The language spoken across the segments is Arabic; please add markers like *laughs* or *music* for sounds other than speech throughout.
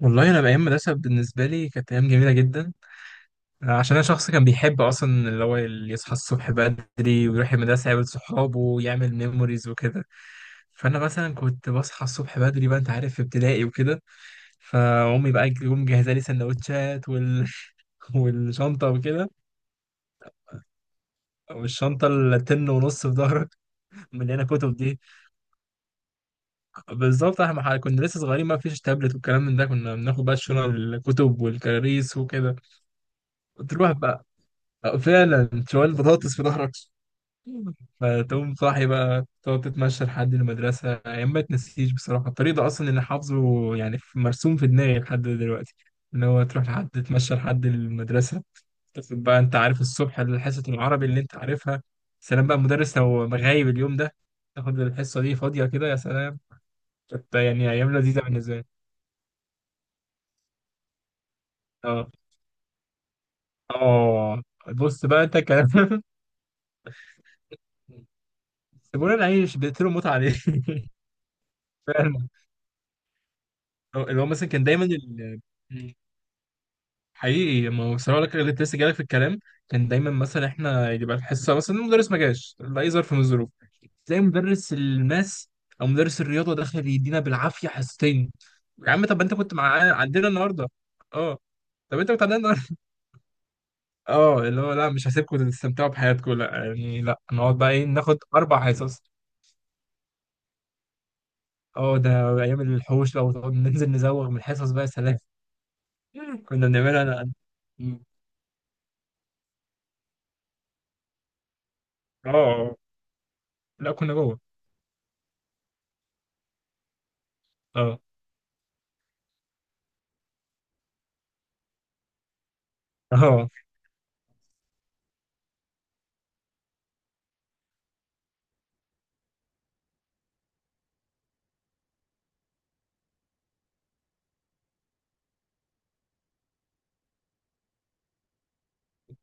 والله انا ايام مدرسه بالنسبه لي كانت ايام جميله جدا. عشان انا شخص كان بيحب اصلا اللي يصحى الصبح بدري ويروح المدرسه يقابل صحابه ويعمل ميموريز وكده. فانا مثلا كنت بصحى الصبح بدري بقى انت عارف في ابتدائي وكده. فامي بقى تقوم مجهزه لي سندوتشات وال... *laughs* والشنطه وكده. والشنطه التن ونص في ظهرك مليانه كتب دي. بالظبط احنا كنا لسه صغيرين ما فيش تابلت والكلام من ده، كنا بناخد بقى الشنط الكتب والكراريس وكده. تروح بقى آه، فعلا شوال بطاطس في ظهرك. فتقوم صاحي بقى تقعد تتمشى لحد المدرسة، أيام ما تنسيش بصراحة. الطريق ده أصلا اللي حافظه يعني مرسوم في دماغي لحد دلوقتي، إن هو تروح لحد تتمشى لحد المدرسة. تاخد بقى أنت عارف الصبح حصة العربي اللي أنت عارفها، سلام بقى المدرس لو غايب اليوم ده، تاخد الحصة دي فاضية كده يا سلام. كانت يعني أيام لذيذة بالنسبة لي. أه. أه. بص بقى أنت كلام. *laughs* سيبونا نعيش، بيقتلوا موت عليه. *laughs* فعلا. اللي هو مثلا كان دايما ال... حقيقي ما هو صراحة لك اللي لسه جالك في الكلام. كان دايما مثلا احنا يبقى الحصة مثلا المدرس ما جاش لأي ظرف من الظروف، تلاقي مدرس الماس أو مدرس الرياضة داخل يدينا بالعافية حصتين. يا عم طب أنت كنت معانا عندنا النهاردة؟ أه. طب أنت كنت عندنا النهاردة؟ *laughs* أه، اللي هو لا مش هسيبكم تستمتعوا بحياتكم، لا يعني لا، نقعد بقى إيه ناخد أربع حصص. أه ده أيام الحوش، لو نقعد ننزل نزوغ من الحصص بقى يا سلام. *laughs* كنا بنعملها أنا. أه. لا كنا جوه. اه. اه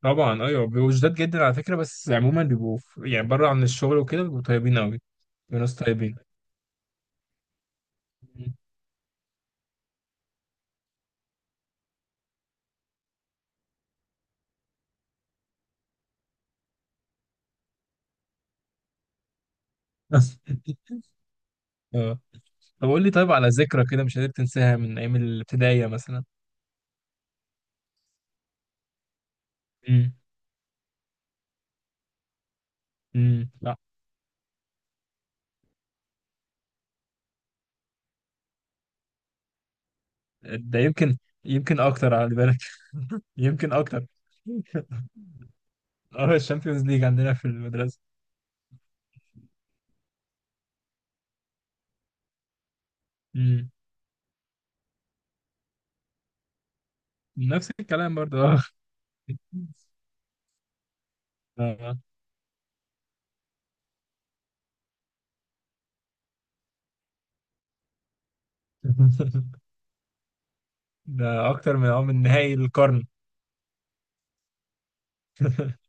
طبعا، ايوه بيبقوا شداد جدا على فكره، بس عموما بيبقوا يعني بره عن الشغل وكده بيبقوا طيبين قوي. بيبقوا ناس طيبين. *laughs* اه. طب قول لي طيب، على ذكرى كده مش قادر تنساها من ايام الابتدائيه مثلا. امم. امم. لا ده يمكن، يمكن اكتر على بالك. *laughs* يمكن اكتر. *laughs* اه الشامبيونز ليج عندنا في المدرسه. امم. نفس الكلام برضه اه. *laughs* آه. *laughs* ده اكتر من اه من نهائي القرن. *laughs*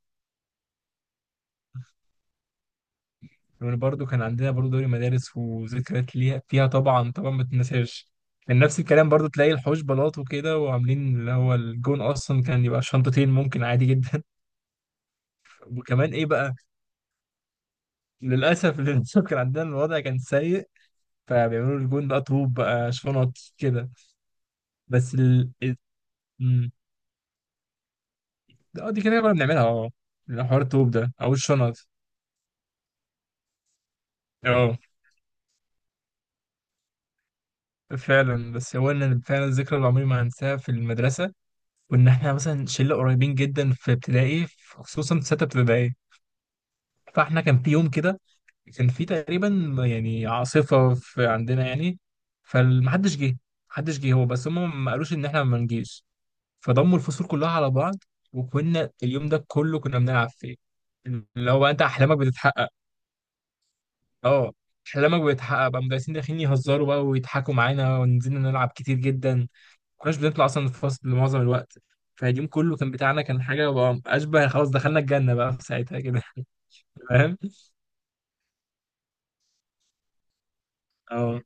وبرضه كان عندنا برضه دوري مدارس وذكريات ليها فيها، طبعا طبعا ما تنساش. كان نفس الكلام برضه، تلاقي الحوش بلاط وكده وعاملين اللي هو الجون، اصلا كان يبقى شنطتين ممكن عادي جدا. *laughs* وكمان ايه بقى، للاسف *laughs* للاسف كان عندنا الوضع كان سيء، فبيعملوا الجون بقى طوب بقى شنط كده. بس ال ال- مم. اه دي كده كنا بنعملها اه، حوار الطوب ده او الشنط. اه فعلا. بس هو ان أنا فعلا الذكرى اللي عمري ما هنساها في المدرسه، وان احنا مثلا شله قريبين جدا في ابتدائي خصوصا في سته ابتدائي. فاحنا كان في يوم كده، كان في تقريبا يعني عاصفه في عندنا يعني، فمحدش جه. محدش جه هو بس هم ما قالوش ان احنا ما نجيش، فضموا الفصول كلها على بعض، وكنا اليوم ده كله كنا بنلعب فيه. اللي هو بقى انت احلامك بتتحقق. اه احلامك بتتحقق، بقى المدرسين داخلين يهزروا بقى ويضحكوا معانا، ونزلنا نلعب كتير جدا، كناش بنطلع اصلا الفصل معظم الوقت. فاليوم كله كان بتاعنا، كان حاجه بقى اشبه خلاص دخلنا الجنه بقى في ساعتها كده. *laughs* فاهم اه.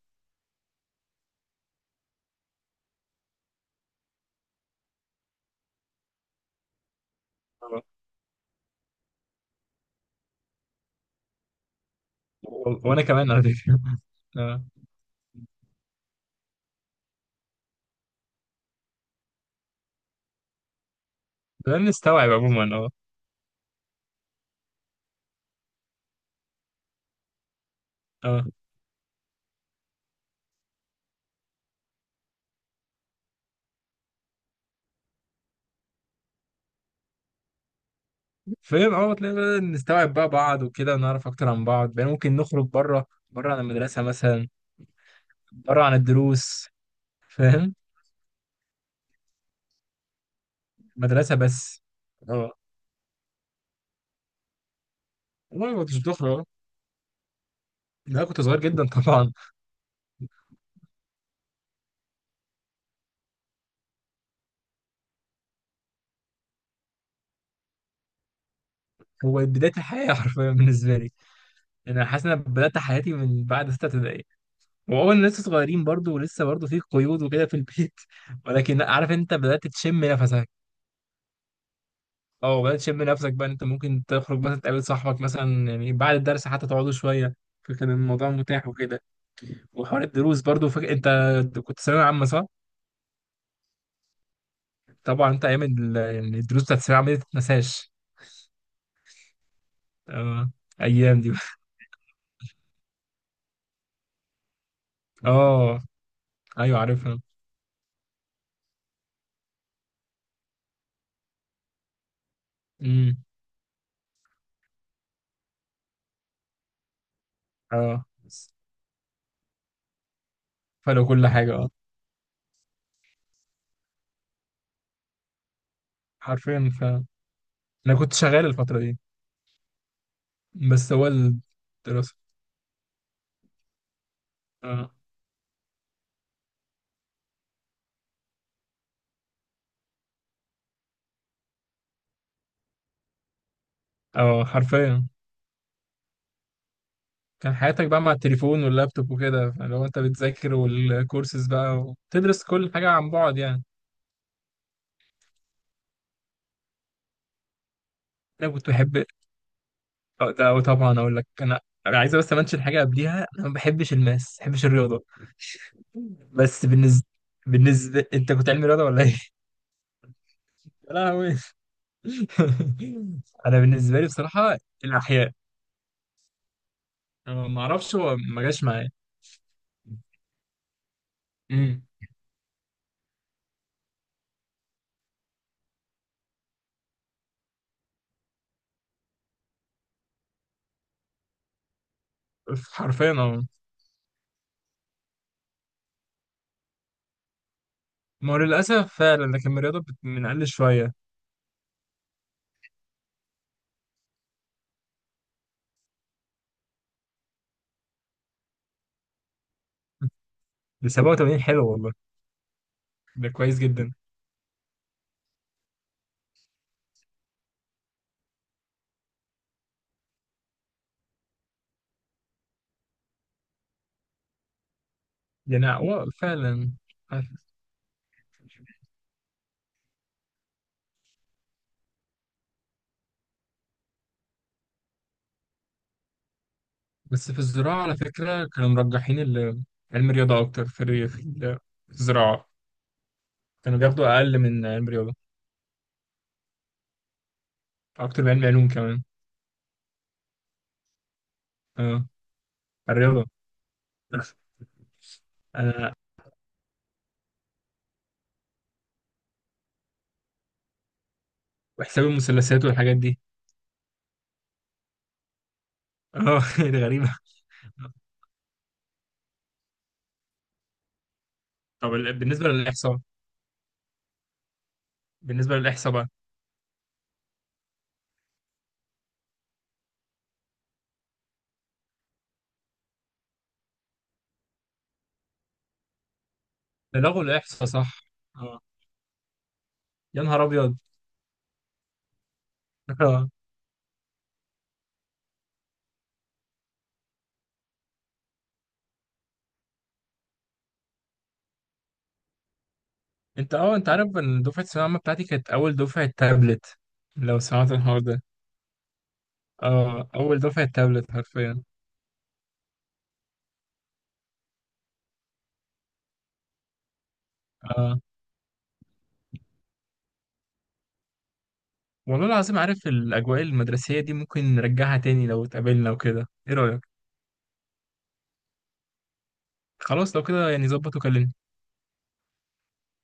آه. و- وانا كمان على فكره. *laughs* اه بدأنا نستوعب عموما اه. اه. فاهم اه، تلاقي بدأنا نستوعب بقى بعض وكده، ونعرف اكتر عن بعض، بقى ممكن نخرج بره عن المدرسه مثلا، بره عن الدروس. فاهم. مدرسه بس. اه. والله ما كنتش بتخرج آه. لا كنت صغير جدا طبعا. هو بدايه الحياه *laughs* حرفيا بالنسبه لي. يعني انا حاسس ان انا بدات حياتي من بعد سته ابتدائي، وأول لسه صغيرين برضو ولسه برضو في قيود وكده في البيت *laughs* ولكن لأ، عارف أنت بدأت تشم نفسك. أه بدأت تشم نفسك، بقى إن أنت ممكن تخرج مثلا تقابل صاحبك مثلا يعني بعد الدرس حتى تقعدوا شوية، فكان الموضوع متاح وكده. وحوار الدروس برضو فك... أنت كنت ثانوية عامة صح؟ طبعا أنت أيام يعني الدروس بتاعت الثانوية العامة دي متتنساش. أه أيام دي. *laughs* أه أيوه عارفها. أمم. أه. فلو كل حاجة أه، حرفيا ف، أنا كنت شغال الفترة دي. بس هو الدراسة آه. اه حرفيا، كان حياتك بقى مع التليفون واللابتوب وكده لو انت بتذاكر، والكورسز بقى وتدرس كل حاجة عن بعد يعني. انا كنت بحب، اه ده أو طبعا اقول لك انا، انا عايز بس امنشن حاجة قبليها، انا ما بحبش الماس، ما بحبش الرياضة. بس بالنسبة، بالنسبة انت كنت علمي رياضة ولا ايه؟ *laughs* يا لهوي. *laughs* انا بالنسبة لي بصراحة الاحياء، أنا ما اعرفش هو ما جاش معايا. امم. حرفيا اه. ما هو للاسف فعلا، لكن الرياضة بنقل شوية. ب 87 حلو والله، ده كويس جدا. يعني هو فعلا. بس في الزراعة على فكرة كانوا مرجحين علم الرياضة أكتر في في الزراعة، كانوا بياخدوا أقل من علم الرياضة، أكتر من علم علوم كمان. أه الرياضة. *laughs* أنا، وحساب المثلثات والحاجات دي. أه. *laughs* دي غريبة. طب بالنسبة للإحصاء، بالنسبة للإحصاء بقى، ده لغوا الإحصاء صح؟ أه. يا نهار أبيض. *laughs* أه أنت أه أنث- أه، أنت عارف إن دفعة الثانوية العامة بتاعتي كانت أول دفعة تابلت، لو سمعت الحوار ده. اه اول دفعه تابلت حرفيا. اه. والله العظيم، عارف الاجواء المدرسيه دي ممكن نرجعها تاني لو اتقابلنا وكده، ايه رايك؟ خلاص لو كده يعني ظبط وكلمني.